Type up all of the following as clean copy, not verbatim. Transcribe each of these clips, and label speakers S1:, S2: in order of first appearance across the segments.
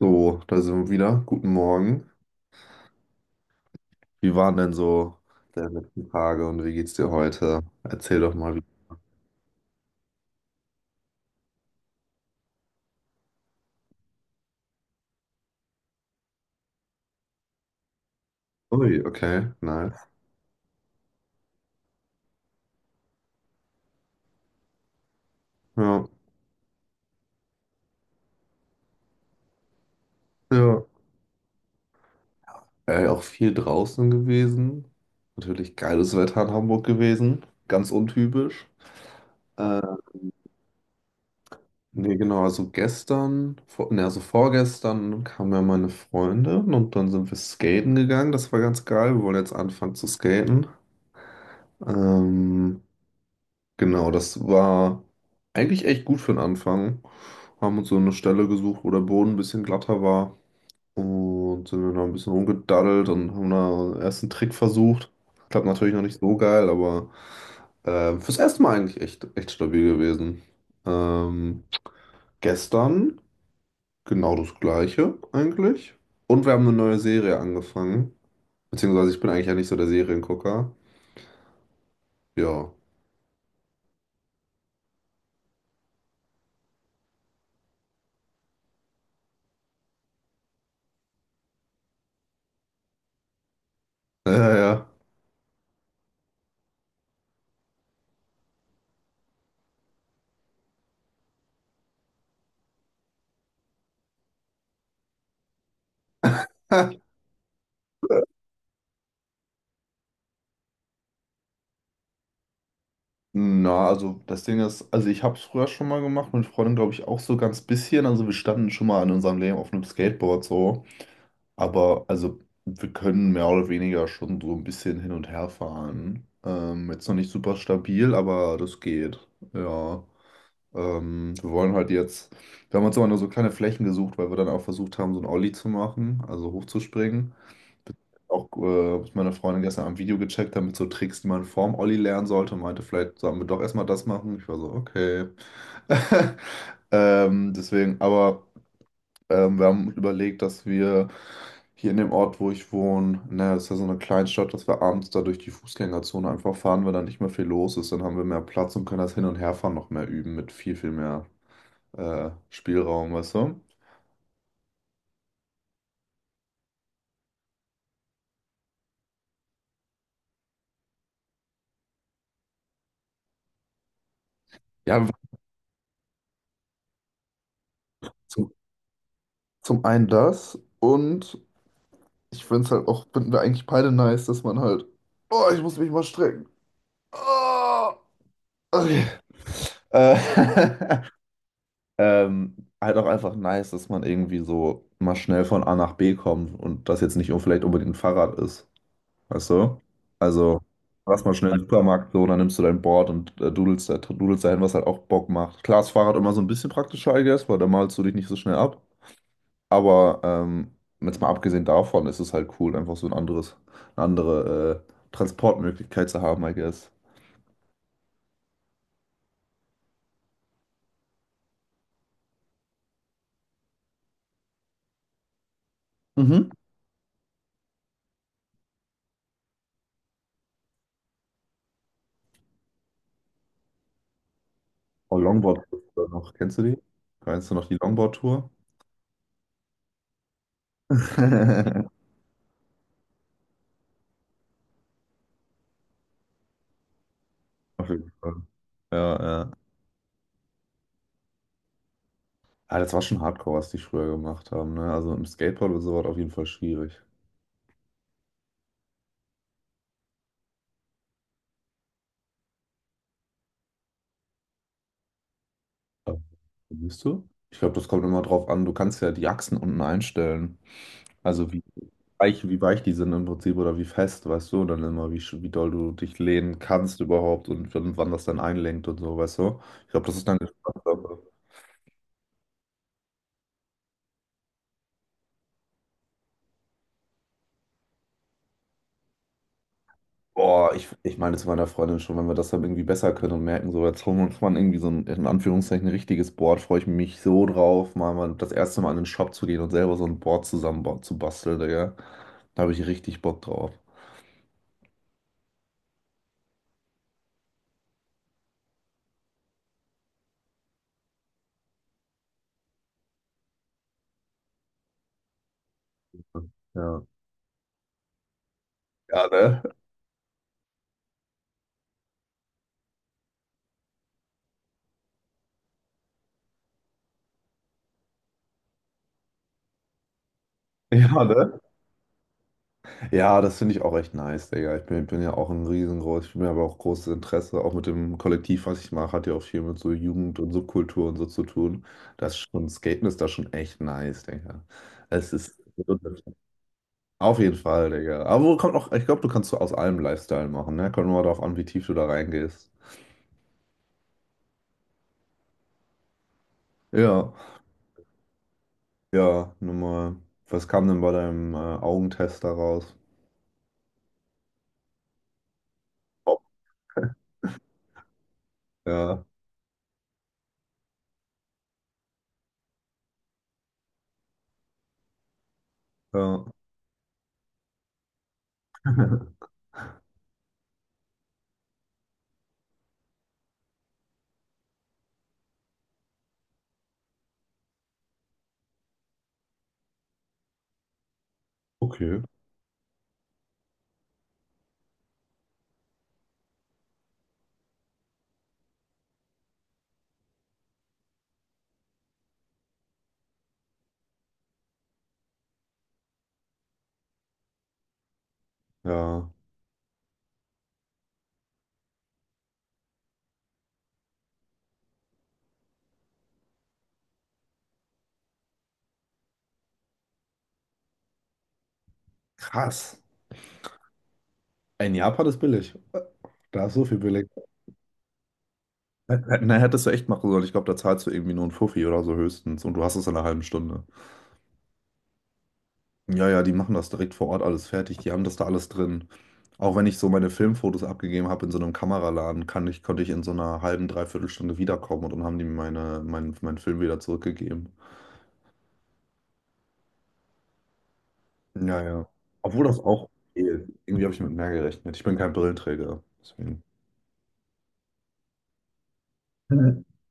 S1: So, da sind wir wieder. Guten Morgen. Wie waren denn so deine letzten Tage und wie geht's dir heute? Erzähl doch mal, wie. Ui, okay, nice. Ja, ja. Auch viel draußen gewesen. Natürlich geiles Wetter in Hamburg gewesen. Ganz untypisch. Äh, genau, also vorgestern kamen ja meine Freundin und dann sind wir skaten gegangen. Das war ganz geil. Wir wollen jetzt anfangen zu skaten. Ähm, Genau, das war eigentlich echt gut für den Anfang. Haben uns so eine Stelle gesucht, wo der Boden ein bisschen glatter war. Und sind dann da ein bisschen rumgedaddelt und haben da erst einen Trick versucht. Klappt natürlich noch nicht so geil, aber fürs erste Mal eigentlich echt stabil gewesen. Ähm, Gestern genau das gleiche eigentlich. Und wir haben eine neue Serie angefangen. Beziehungsweise ich bin eigentlich ja nicht so der Seriengucker. Ja. Ja, ja. Na, also das Ding ist, also ich habe es früher schon mal gemacht, mit Freunden glaube ich auch so ganz bisschen. Also wir standen schon mal in unserem Leben auf einem Skateboard so. Aber also wir können mehr oder weniger schon so ein bisschen hin und her fahren. Jetzt noch nicht super stabil, aber das geht. Ja. Wir wollen halt jetzt, Wir haben uns immer nur so kleine Flächen gesucht, weil wir dann auch versucht haben, so ein Ollie zu machen, also hochzuspringen auch, was meine Freundin gestern am Video gecheckt hat, mit so Tricks, die man vorm Olli lernen sollte, und meinte, vielleicht sollen wir doch erstmal das machen. Ich war so, okay. Deswegen, aber Wir haben überlegt, dass wir hier in dem Ort, wo ich wohne, ne, das ist ja so eine Kleinstadt, dass wir abends da durch die Fußgängerzone einfach fahren, weil da nicht mehr viel los ist. Dann haben wir mehr Platz und können das Hin- und Herfahren noch mehr üben mit viel mehr Spielraum, weißt du? Ja, zum, zum einen das und. Ich finde es halt auch, finden wir eigentlich beide nice, dass man halt, oh, ich muss mich mal strecken. Ah, okay. Äh, halt auch einfach nice, dass man irgendwie so mal schnell von A nach B kommt und das jetzt nicht vielleicht unbedingt ein Fahrrad ist. Weißt du? Also, lass mal schnell in den Supermarkt so, dann nimmst du dein Board und dudelst dahin, was halt auch Bock macht. Klar, ist Fahrrad immer so ein bisschen praktischer, I guess, weil da malst du dich nicht so schnell ab. Aber jetzt mal abgesehen davon ist es halt cool, einfach so ein andere Transportmöglichkeit zu haben, I guess. Mhm. Oh, Longboard noch, kennst du die? Kennst du noch die Longboard-Tour? Auf jeden Fall. Ja, ja. Ah, das war schon Hardcore, was die früher gemacht haben, ne? Also im Skateboard oder so war das auf jeden Fall schwierig. Aber, Bist du? Ich glaube, das kommt immer drauf an. Du kannst ja die Achsen unten einstellen. Also wie weich die sind im Prinzip oder wie fest, weißt du, dann immer, wie doll du dich lehnen kannst überhaupt und wann das dann einlenkt und so, weißt du? Ich glaube, das ist dann Geschmackssache. Boah, ich meine zu meiner Freundin schon, wenn wir das dann irgendwie besser können und merken, so jetzt holen wir uns mal irgendwie so ein, in Anführungszeichen, richtiges Board, freue ich mich so drauf, mal das erste Mal in den Shop zu gehen und selber so ein Board zusammen zu basteln, Digga. Da habe ich richtig Bock drauf. Ja. Ja, ne? Ja, ne? Ja, das finde ich auch echt nice, Digga. Ich bin ja auch ein riesengroß, ich bin mir aber auch großes Interesse, auch mit dem Kollektiv, was ich mache, hat ja auch viel mit so Jugend und Subkultur und so zu tun. Das ist schon, Skaten ist da schon echt nice, Digga. Es ist auf jeden Fall, Digga. Aber wo kommt auch, ich glaube, du kannst so aus allem Lifestyle machen, ne? Kommt nur darauf an, wie tief du da reingehst. Ja, ja, nun mal. Was kam denn bei deinem Augentest da raus? Oh, Ja, ja. Okay, ja. Krass. In Japan ist billig. Da ist so viel billig. Na, hättest du echt machen sollen. Ich glaube, da zahlst du irgendwie nur einen Fuffi oder so höchstens und du hast es in einer halben Stunde. Ja, ja, die machen das direkt vor Ort alles fertig. Die haben das da alles drin. Auch wenn ich so meine Filmfotos abgegeben habe in so einem Kameraladen, konnte ich in so einer halben, dreiviertel Stunde wiederkommen und dann haben die mir meinen Film wieder zurückgegeben. Ja, ja. Obwohl das auch geht. Irgendwie habe ich mit mehr gerechnet. Ich bin kein Brillenträger. Deswegen.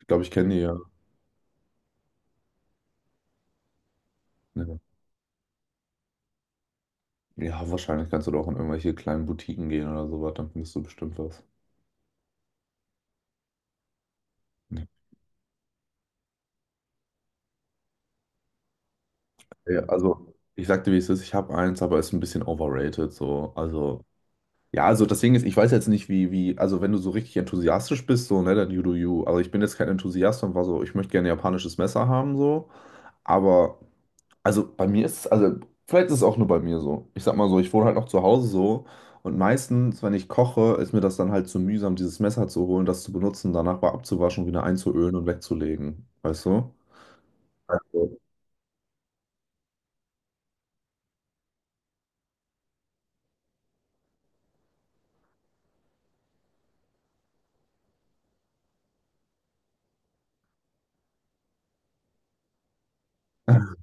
S1: Ich glaube, ich kenne die ja. Ja. Ja, wahrscheinlich kannst du doch in irgendwelche kleinen Boutiquen gehen oder sowas, dann findest du bestimmt was. Ja, Ja, also, ich sag dir, wie es ist, ich habe eins, aber es ist ein bisschen overrated, so. Also, ja, also das Ding ist, ich weiß jetzt nicht, wie, also wenn du so richtig enthusiastisch bist, so, ne, dann you do you. Also ich bin jetzt kein Enthusiast und war so, ich möchte gerne japanisches Messer haben, so, aber. Also bei mir ist es, also vielleicht ist es auch nur bei mir so. Ich sag mal so, ich wohne halt noch zu Hause so und meistens, wenn ich koche, ist mir das dann halt zu mühsam, dieses Messer zu holen, das zu benutzen, danach mal abzuwaschen, wieder einzuölen und wegzulegen. Weißt du? Also.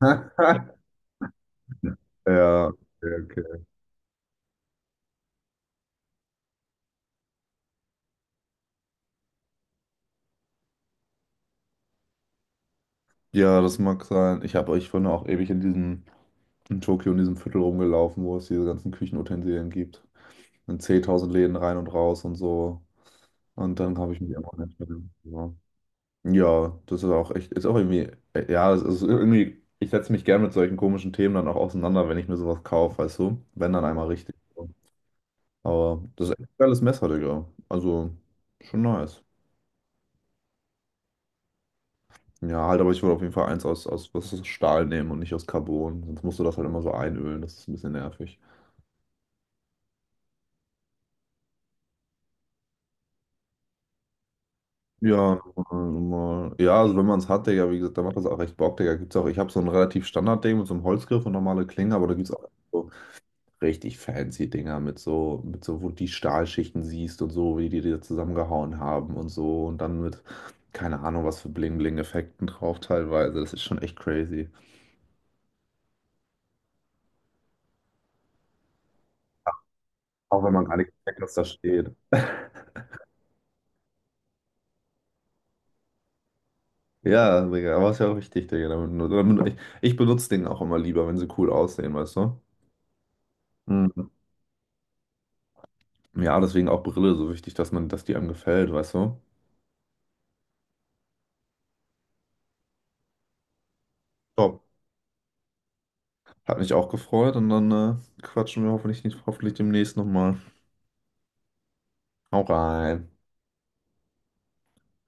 S1: Ja, okay, okay. Ja, das mag sein. Ich bin auch ewig in diesem, in Tokio in diesem Viertel rumgelaufen, wo es diese ganzen Küchenutensilien gibt. In 10.000 Läden rein und raus und so. Und dann habe ich mich immer nicht mehr. Ja, das ist auch echt, ist auch irgendwie, ja, es ist irgendwie, ich setze mich gern mit solchen komischen Themen dann auch auseinander, wenn ich mir sowas kaufe, weißt du? Wenn dann einmal richtig. So. Aber das ist echt ein geiles Messer, Digga. Also, schon nice. Ja, halt, aber ich würde auf jeden Fall was aus Stahl nehmen und nicht aus Carbon. Sonst musst du das halt immer so einölen, das ist ein bisschen nervig. Ja, ja, also wenn man es hat, Digga, wie gesagt, dann macht das auch echt Bock, Digga. Gibt's auch, ich habe so ein relativ Standard-Ding mit so einem Holzgriff und normale Klinge, aber da gibt es auch. So richtig fancy Dinger wo du die Stahlschichten siehst und so, wie die die zusammengehauen haben und so und dann mit, keine Ahnung, was für Bling-Bling-Effekten drauf teilweise. Das ist schon echt crazy. Auch wenn man gar nicht checkt, was da steht. Ja, Digga, aber ist ja auch richtig, Digga. Ich benutze den auch immer lieber, wenn sie cool aussehen, weißt du? Mhm. Ja, deswegen auch Brille so wichtig, dass man, dass die einem gefällt, weißt du? Top. Hat mich auch gefreut und dann quatschen wir hoffentlich nicht, hoffentlich demnächst nochmal. Hau rein.